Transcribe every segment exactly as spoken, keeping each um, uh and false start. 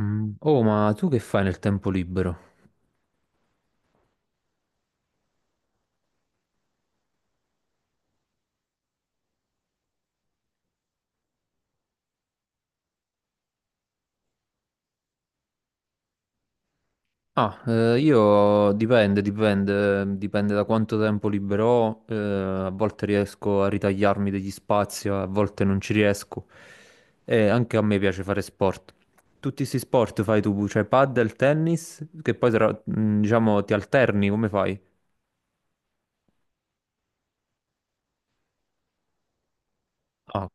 Mm. Oh, ma tu che fai nel tempo libero? Ah, eh, io dipende, dipende, dipende da quanto tempo libero ho. Eh, a volte riesco a ritagliarmi degli spazi, a volte non ci riesco. E anche a me piace fare sport. Tutti questi sport fai tu, cioè padel, tennis, che poi tra- mm, diciamo ti alterni, come fai? Ah,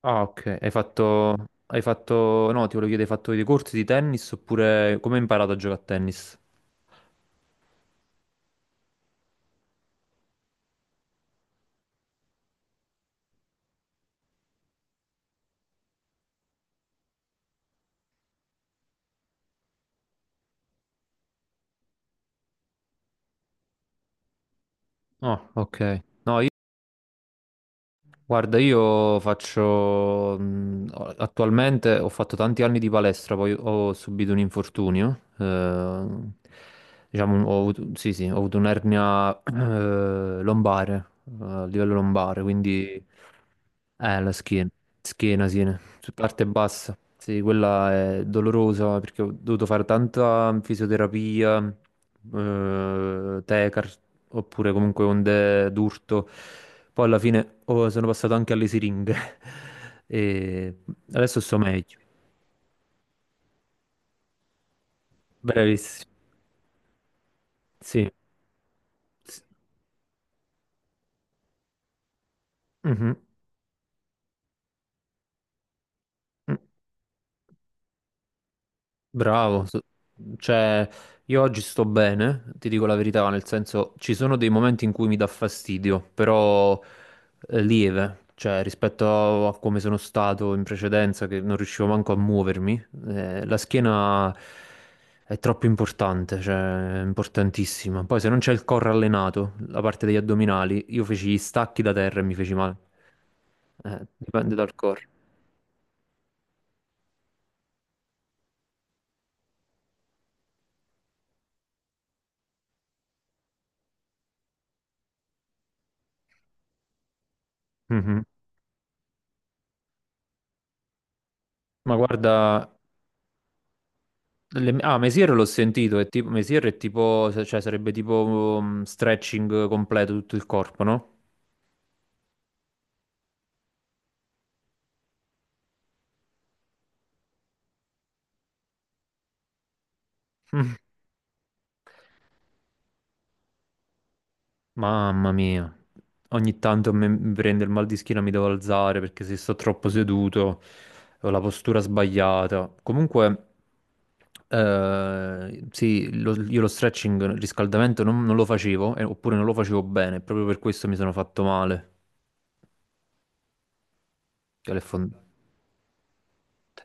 ah, ok. Hai fatto, hai fatto, no, ti volevo chiedere, hai fatto dei corsi di tennis oppure come hai imparato a giocare a tennis? Ah, ok. No, guarda, io faccio mh, attualmente ho fatto tanti anni di palestra, poi ho subito un infortunio. Eh, diciamo, ho avuto, sì, sì, ho avuto un'ernia eh, lombare, eh, a livello lombare, quindi eh, la schiena, schiena, sì, su parte bassa. Sì, quella è dolorosa perché ho dovuto fare tanta fisioterapia, eh, tecar, oppure comunque onde d'urto. Poi alla fine oh, sono passato anche alle siringhe e adesso sto meglio. Bravissimo. Sì. Sì. Mhm. Bravo, so- cioè io oggi sto bene, ti dico la verità, nel senso ci sono dei momenti in cui mi dà fastidio, però eh, lieve, cioè rispetto a come sono stato in precedenza che non riuscivo manco a muovermi, eh, la schiena è troppo importante, cioè è importantissima. Poi se non c'è il core allenato, la parte degli addominali, io feci gli stacchi da terra e mi feci male. Eh, dipende dal core. Mhm. Ma guarda, Le- ah, Mesier l'ho sentito, è tipo, Mesier è tipo, cioè sarebbe tipo um, stretching completo tutto il corpo, no? Mamma mia, ogni tanto me- mi prende il mal di schiena, mi devo alzare perché se sto troppo seduto ho la postura sbagliata. Comunque, eh, sì, lo- io lo stretching, il riscaldamento non, non lo facevo, eh, oppure non lo facevo bene, proprio per questo mi sono fatto male, che è fon-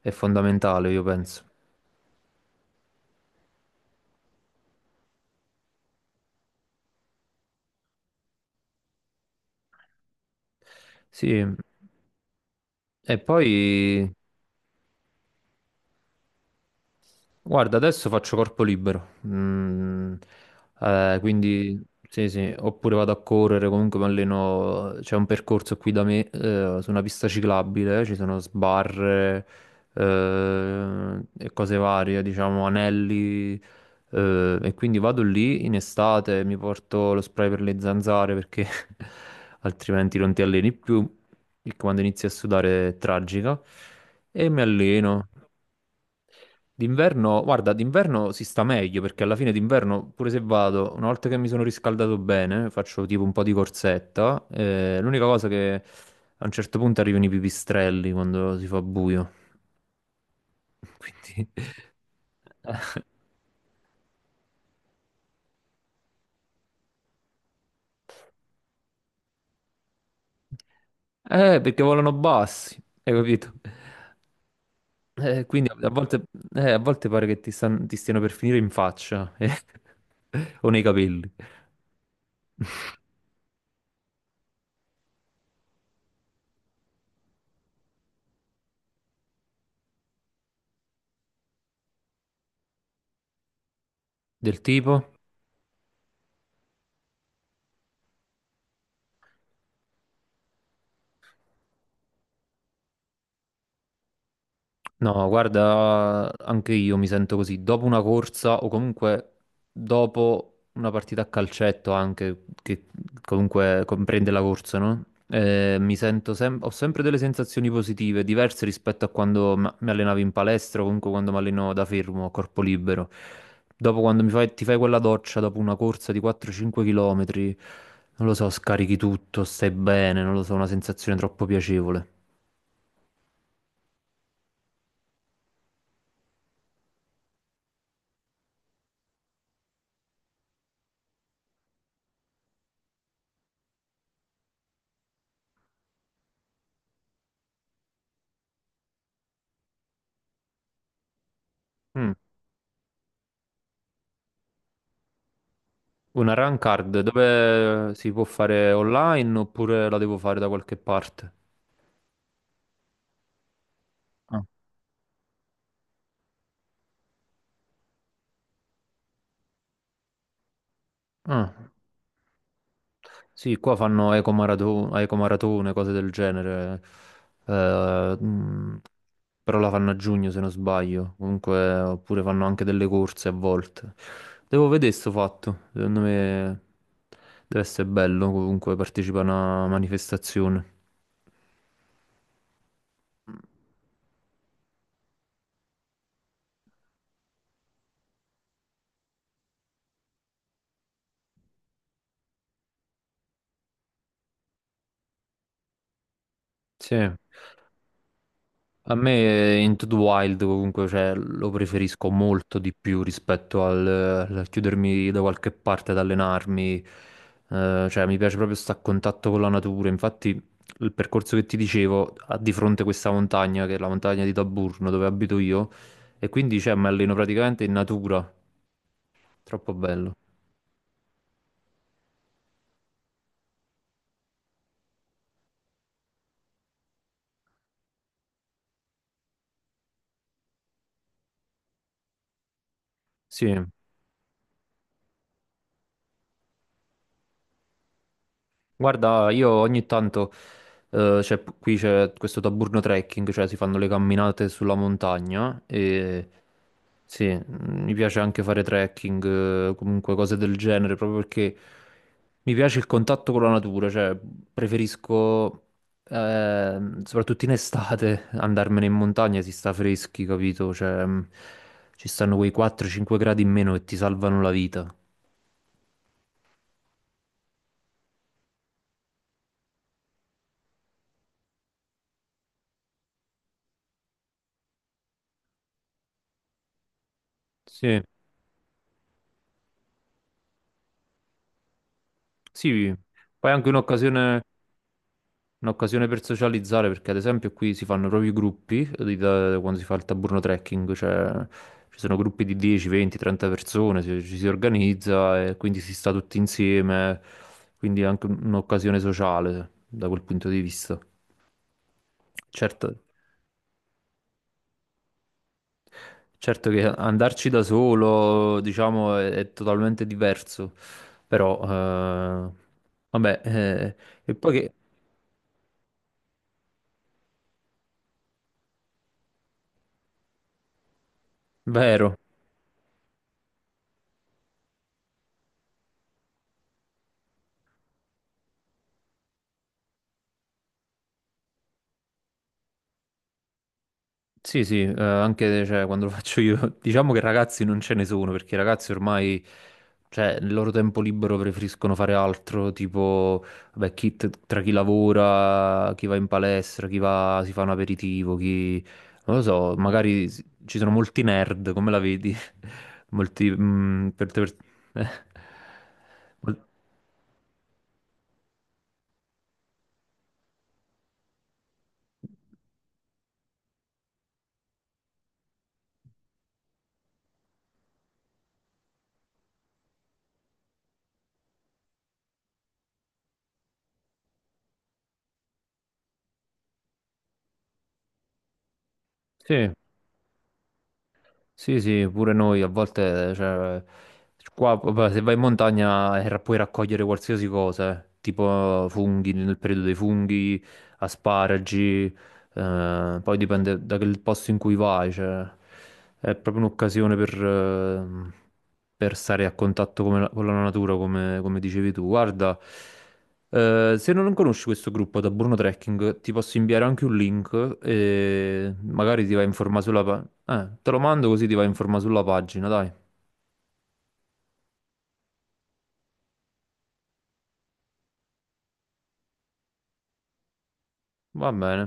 è fondamentale, io penso. Sì. E poi, guarda, adesso faccio corpo libero. Mm, eh, quindi sì, sì, oppure vado a correre, comunque mi alleno, c'è un percorso qui da me, eh, su una pista ciclabile, ci sono sbarre, eh, e cose varie, diciamo, anelli, eh, e quindi vado lì in estate, mi porto lo spray per le zanzare perché altrimenti non ti alleni più, e quando inizi a sudare è tragica, e mi alleno. D'inverno, guarda, d'inverno si sta meglio perché alla fine d'inverno, pure se vado, una volta che mi sono riscaldato bene, faccio tipo un po' di corsetta. Eh, l'unica cosa che a un certo punto arrivano i pipistrelli quando si fa buio. Quindi... Eh, perché volano bassi, hai capito? Eh, quindi a volte, eh, a volte pare che ti, stan- ti stiano per finire in faccia, eh, o nei capelli. Del tipo? No, guarda, anche io mi sento così. Dopo una corsa o comunque dopo una partita a calcetto anche, che comunque comprende la corsa, no? Eh, mi sento sem- ho sempre delle sensazioni positive, diverse rispetto a quando m- mi allenavo in palestra o comunque quando mi alleno da fermo, a corpo libero. Dopo quando mi fai- ti fai quella doccia dopo una corsa di quattro cinque km, non lo so, scarichi tutto, stai bene, non lo so, una sensazione troppo piacevole. Mm. Una run card dove si può fare online oppure la devo fare da qualche parte? Ah. Ah, sì, qua fanno ecomaratu- ecomaratone, cose del genere. Eh, mh, però la fanno a giugno se non sbaglio. Comunque, oppure fanno anche delle corse a volte. Devo vedere sto fatto. Secondo me deve essere bello comunque partecipare a una manifestazione. Sì. A me eh, Into the Wild comunque cioè, lo preferisco molto di più rispetto al, eh, al chiudermi da qualche parte ad allenarmi. Eh, cioè mi piace proprio stare a contatto con la natura, infatti il percorso che ti dicevo ha di fronte questa montagna che è la montagna di Taburno dove abito io e quindi cioè, mi alleno praticamente in natura, troppo bello. Sì. Guarda, io ogni tanto, eh, c'è- qui c'è questo taburno trekking, cioè si fanno le camminate sulla montagna e sì, mm, mi piace anche fare trekking, eh, comunque cose del genere, proprio perché mi piace il contatto con la natura, cioè preferisco, ehm, soprattutto in estate, andarmene in montagna, si sta freschi, capito? Cioè, mm, ci stanno quei quattro a cinque gradi in meno che ti salvano la vita. Sì, sì, poi è anche un'occasione... Un'occasione per socializzare perché ad esempio qui si fanno proprio i gruppi di- da- quando si fa il Taburno Trekking, cioè ci sono gruppi di dieci, venti, trenta persone, ci, ci si organizza e quindi si sta tutti insieme, quindi è anche un- un'occasione sociale da quel punto di vista. Certo, certo che andarci da solo, diciamo, è, è totalmente diverso, però eh, vabbè, eh, e poi che... Vero, sì, sì, eh, anche cioè, quando lo faccio io, diciamo che ragazzi non ce ne sono, perché i ragazzi ormai, cioè, nel loro tempo libero preferiscono fare altro, tipo, vabbè, chi, t- tra chi lavora, chi va in palestra, chi va, si fa un aperitivo, chi, non lo so, magari s- ci sono molti nerd, come la vedi? Molti, mm, per, per- eh. Mol- Sì. Sì, sì, pure noi a volte, cioè, qua vabbè, se vai in montagna eh, ra- puoi raccogliere qualsiasi cosa, eh, tipo funghi, nel periodo dei funghi, asparagi, eh, poi dipende dal posto in cui vai, cioè, è proprio un'occasione per, eh, per stare a contatto come la- con la natura, come, come dicevi tu. Guarda, eh, se non conosci questo gruppo da Bruno Trekking, ti posso inviare anche un link e magari ti vai a informare sulla, eh, te lo mando così ti vai in forma sulla pagina, dai. Va bene.